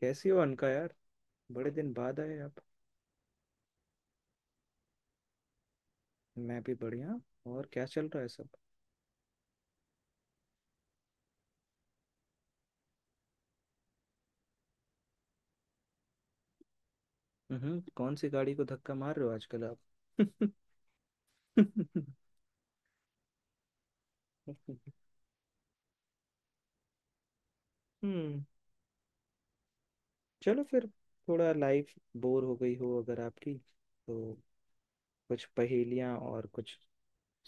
कैसी हो अनका यार। बड़े दिन बाद आए आप। मैं भी बढ़िया। और क्या चल रहा है सब। कौन सी गाड़ी को धक्का मार रहे हो आजकल आप। हम्म चलो फिर, थोड़ा लाइफ बोर हो गई हो अगर आपकी तो कुछ पहेलियां और कुछ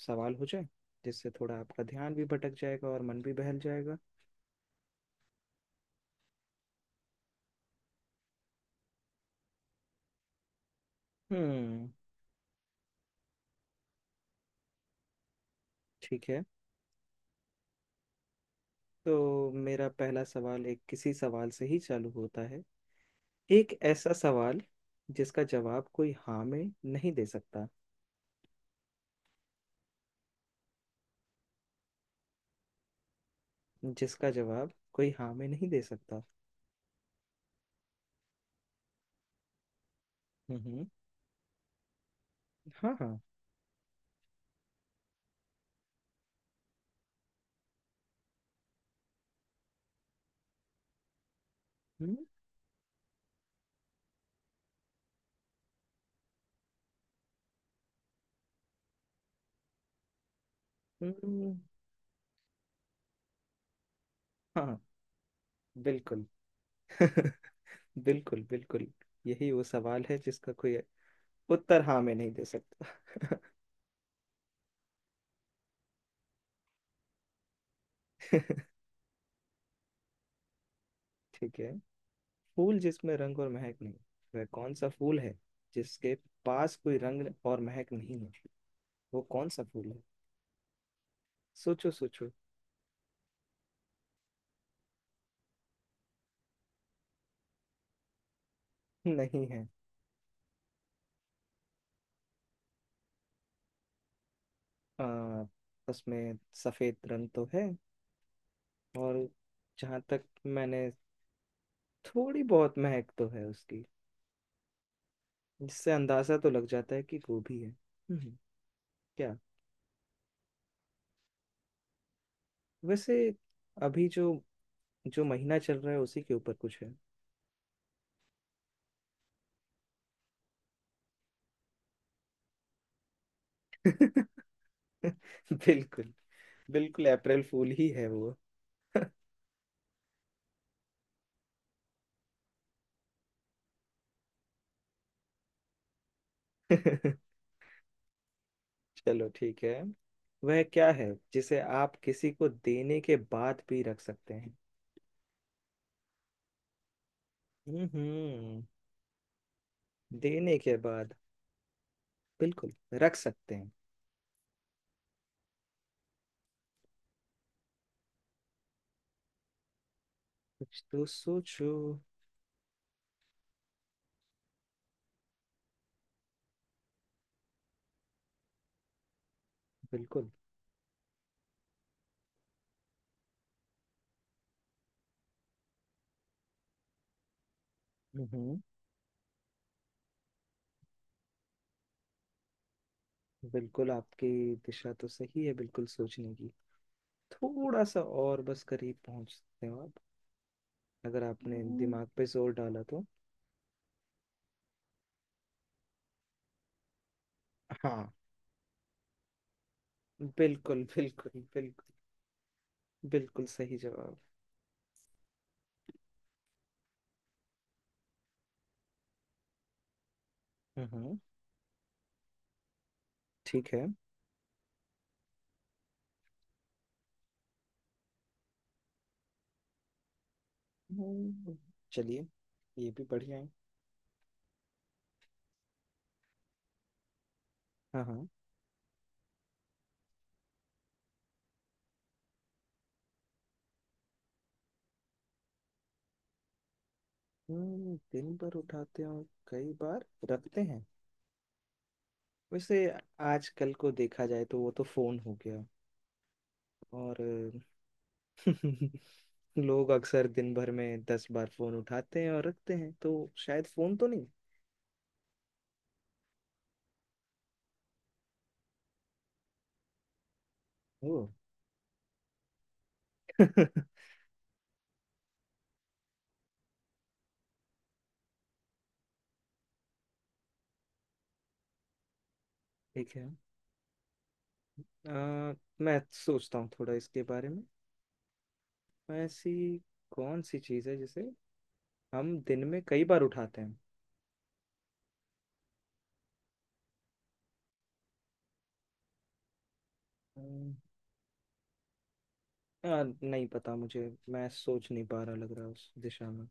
सवाल हो जाए, जिससे थोड़ा आपका ध्यान भी भटक जाएगा और मन भी बहल जाएगा। हम्म, ठीक है। तो मेरा पहला सवाल एक किसी सवाल से ही चालू होता है। एक ऐसा सवाल जिसका जवाब कोई हाँ में नहीं दे सकता। जिसका जवाब कोई हाँ में नहीं दे सकता। हम्म, हाँ हाँ। हम्म, हम्म, हाँ बिल्कुल। बिल्कुल बिल्कुल। यही वो सवाल है जिसका कोई उत्तर हाँ में नहीं दे सकता। ठीक है। फूल जिसमें रंग और महक नहीं, वह कौन सा फूल है? जिसके पास कोई रंग और महक नहीं है, वो कौन सा फूल है? सोचो सोचो। नहीं है। आ, उसमें सफेद रंग तो है, और जहाँ तक मैंने, थोड़ी बहुत महक तो है उसकी, जिससे अंदाजा तो लग जाता है कि गोभी है। हम्म, क्या? वैसे अभी जो, जो महीना चल रहा है उसी के ऊपर कुछ है। बिल्कुल, बिल्कुल अप्रैल फूल ही है वो। चलो ठीक है। वह क्या है जिसे आप किसी को देने के बाद भी रख सकते हैं? हम्म, देने के बाद, बिल्कुल, रख सकते हैं। कुछ तो सोचो। बिल्कुल। हम्म, बिल्कुल आपकी दिशा तो सही है, बिल्कुल सोचने की। थोड़ा सा और बस करीब पहुंच सकते हो आप, अगर आपने दिमाग पे जोर डाला तो। हाँ। बिल्कुल बिल्कुल बिल्कुल। बिल्कुल सही जवाब। हम्म, ठीक है। हम्म, चलिए, ये भी बढ़िया है। हाँ हाँ। दिन भर उठाते हो, कई बार रखते हैं। वैसे आजकल को देखा जाए तो वो तो फोन हो गया और लोग अक्सर दिन भर में 10 बार फोन उठाते हैं और रखते हैं, तो शायद फोन तो नहीं। ओ, ठीक है। आ, मैं सोचता हूँ थोड़ा इसके बारे में। ऐसी कौन सी चीज़ है जिसे हम दिन में कई बार उठाते हैं? अम्म, आ, नहीं पता मुझे, मैं सोच नहीं पा रहा, लग रहा उस दिशा में।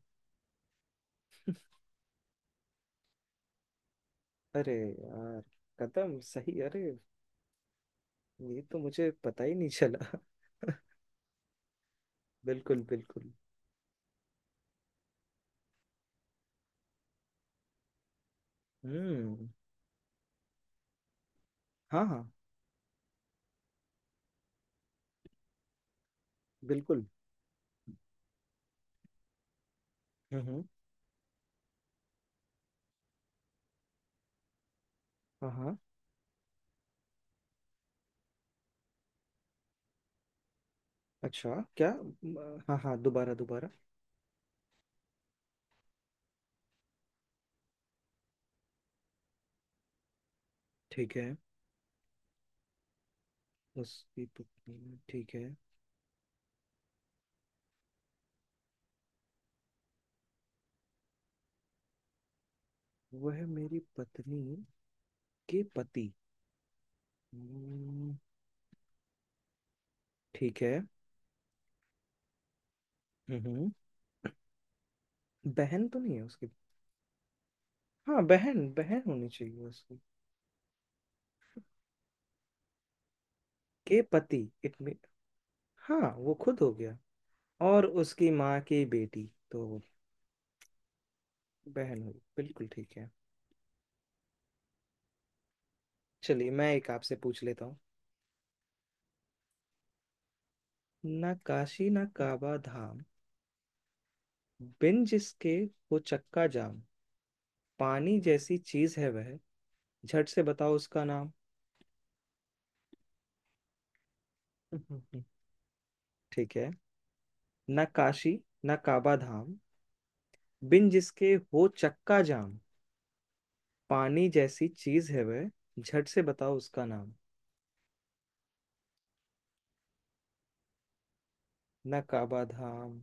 अरे यार, कदम, सही, अरे ये तो मुझे पता ही नहीं चला। बिल्कुल बिल्कुल। हम्म, हाँ हाँ, बिल्कुल। हम्म, हाँ हाँ। अच्छा, क्या? हाँ हाँ, दोबारा दोबारा। ठीक है, उसकी पत्नी, ठीक है। वह मेरी पत्नी के पति। हम्म, ठीक है। हम्म, बहन तो नहीं है उसकी? हाँ, बहन, बहन होनी चाहिए उसकी। के पति, इट मी, हाँ वो खुद हो गया। और उसकी माँ की बेटी, तो बहन हुई, बिल्कुल ठीक है। चलिए, मैं एक आपसे पूछ लेता हूँ। ना काशी ना काबा धाम, बिन जिसके हो चक्का जाम, पानी जैसी चीज है वह, झट से बताओ उसका नाम। ठीक है। न काशी, न काबा धाम, बिन जिसके हो चक्का जाम, पानी जैसी चीज है वह, झट से बताओ उसका नाम। न काबा धाम।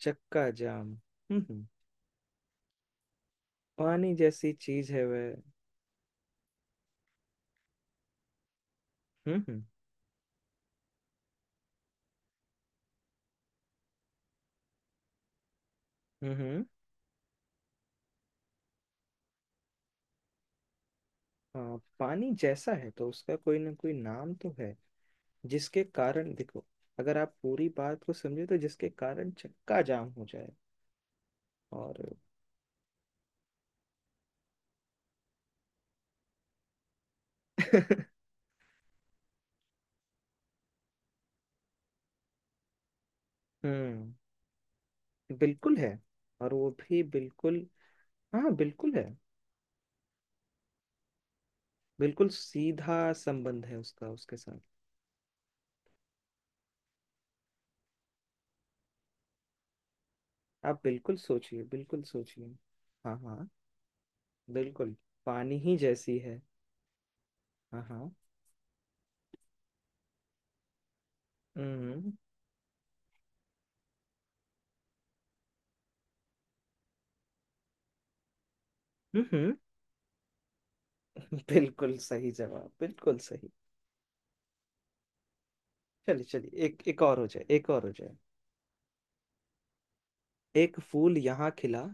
चक्का जाम। हम्म, पानी जैसी चीज है वह। हम्म, हम्म, हम्म, हम्म। हाँ, पानी जैसा है तो उसका कोई ना कोई नाम तो है, जिसके कारण, देखो, अगर आप पूरी बात को समझे तो जिसके कारण चक्का जाम हो जाए और हम्म, बिल्कुल है। और वो भी बिल्कुल, हाँ बिल्कुल है। बिल्कुल सीधा संबंध है उसका उसके साथ। आप बिल्कुल सोचिए, बिल्कुल सोचिए। हाँ हाँ, बिल्कुल। पानी ही जैसी है। हाँ हाँ। हम्म, हम्म, बिल्कुल सही जवाब, बिल्कुल सही। चलिए चलिए, एक, एक और हो जाए, एक और हो जाए। एक फूल यहाँ खिला,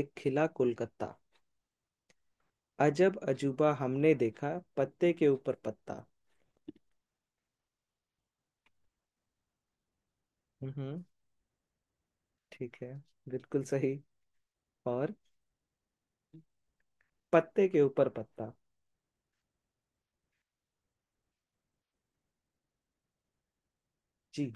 एक खिला कोलकाता, अजब अजूबा हमने देखा, पत्ते के ऊपर पत्ता। हम्म, ठीक है, बिल्कुल सही। और पत्ते के ऊपर पत्ता। जी।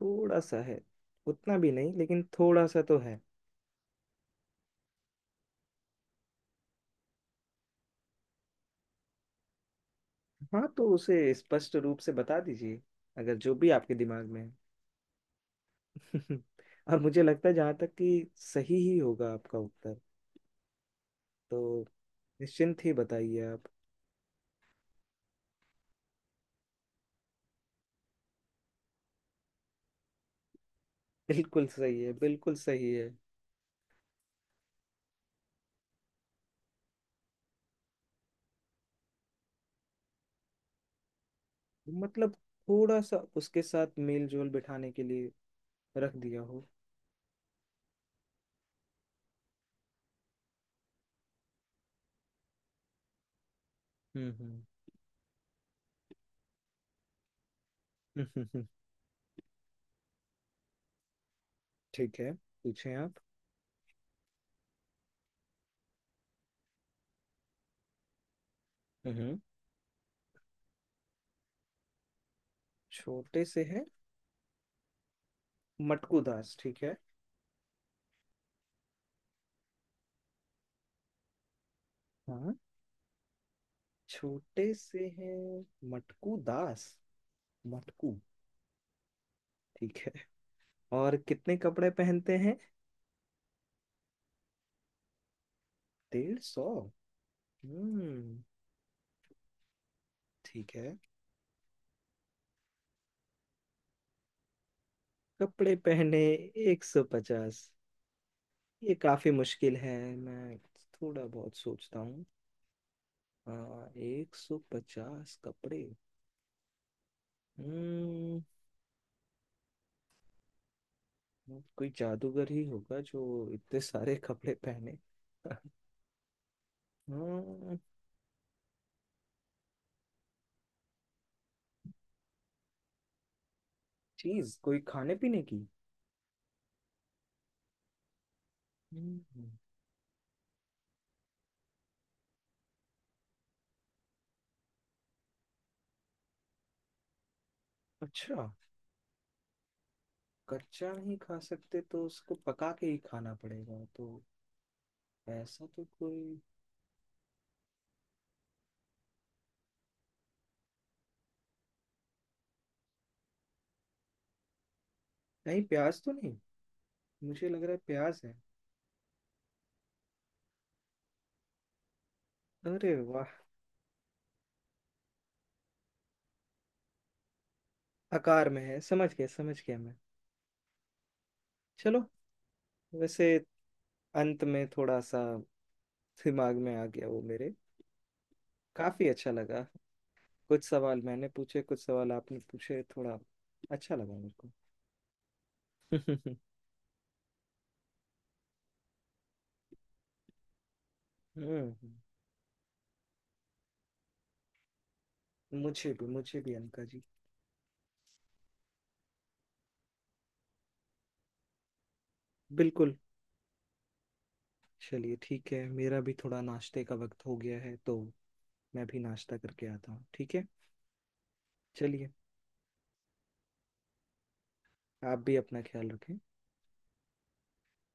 थोड़ा सा है, उतना भी नहीं लेकिन थोड़ा सा तो है। हाँ, तो उसे स्पष्ट रूप से बता दीजिए, अगर जो भी आपके दिमाग में है। और मुझे लगता है, जहाँ तक कि सही ही होगा आपका उत्तर, तो निश्चिंत ही बताइए आप। बिल्कुल सही है, बिल्कुल सही है। मतलब थोड़ा सा उसके साथ मेल जोल बिठाने के लिए रख दिया हो। हम्म, हम्म, हम्म। ठीक है, पूछें आप। हम्म। छोटे से है मटकू दास। ठीक है। हाँ। छोटे से हैं मटकू दास। मटकू, ठीक है। और कितने कपड़े पहनते हैं? 150। हम्म, ठीक है। कपड़े पहने 150। ये काफी मुश्किल है, मैं थोड़ा बहुत सोचता हूँ। हाँ, 150 कपड़े। हम्म, कोई जादूगर ही होगा जो इतने सारे कपड़े पहने। हम्म। चीज कोई खाने पीने की? हम्म, अच्छा। कच्चा नहीं खा सकते तो उसको पका के ही खाना पड़ेगा, तो ऐसा तो कोई, नहीं प्याज तो नहीं? मुझे लग रहा है प्याज है। अरे वाह। आकार में है, समझ गया मैं। चलो, वैसे अंत में थोड़ा सा दिमाग में आ गया वो मेरे। काफी अच्छा लगा। कुछ सवाल मैंने पूछे, कुछ सवाल आपने पूछे, थोड़ा अच्छा लगा मेरे को। हम्म, मुझे भी, मुझे भी अनका जी। बिल्कुल। चलिए ठीक है, मेरा भी थोड़ा नाश्ते का वक्त हो गया है, तो मैं भी नाश्ता करके आता हूँ, ठीक है? चलिए, आप भी अपना ख्याल रखें।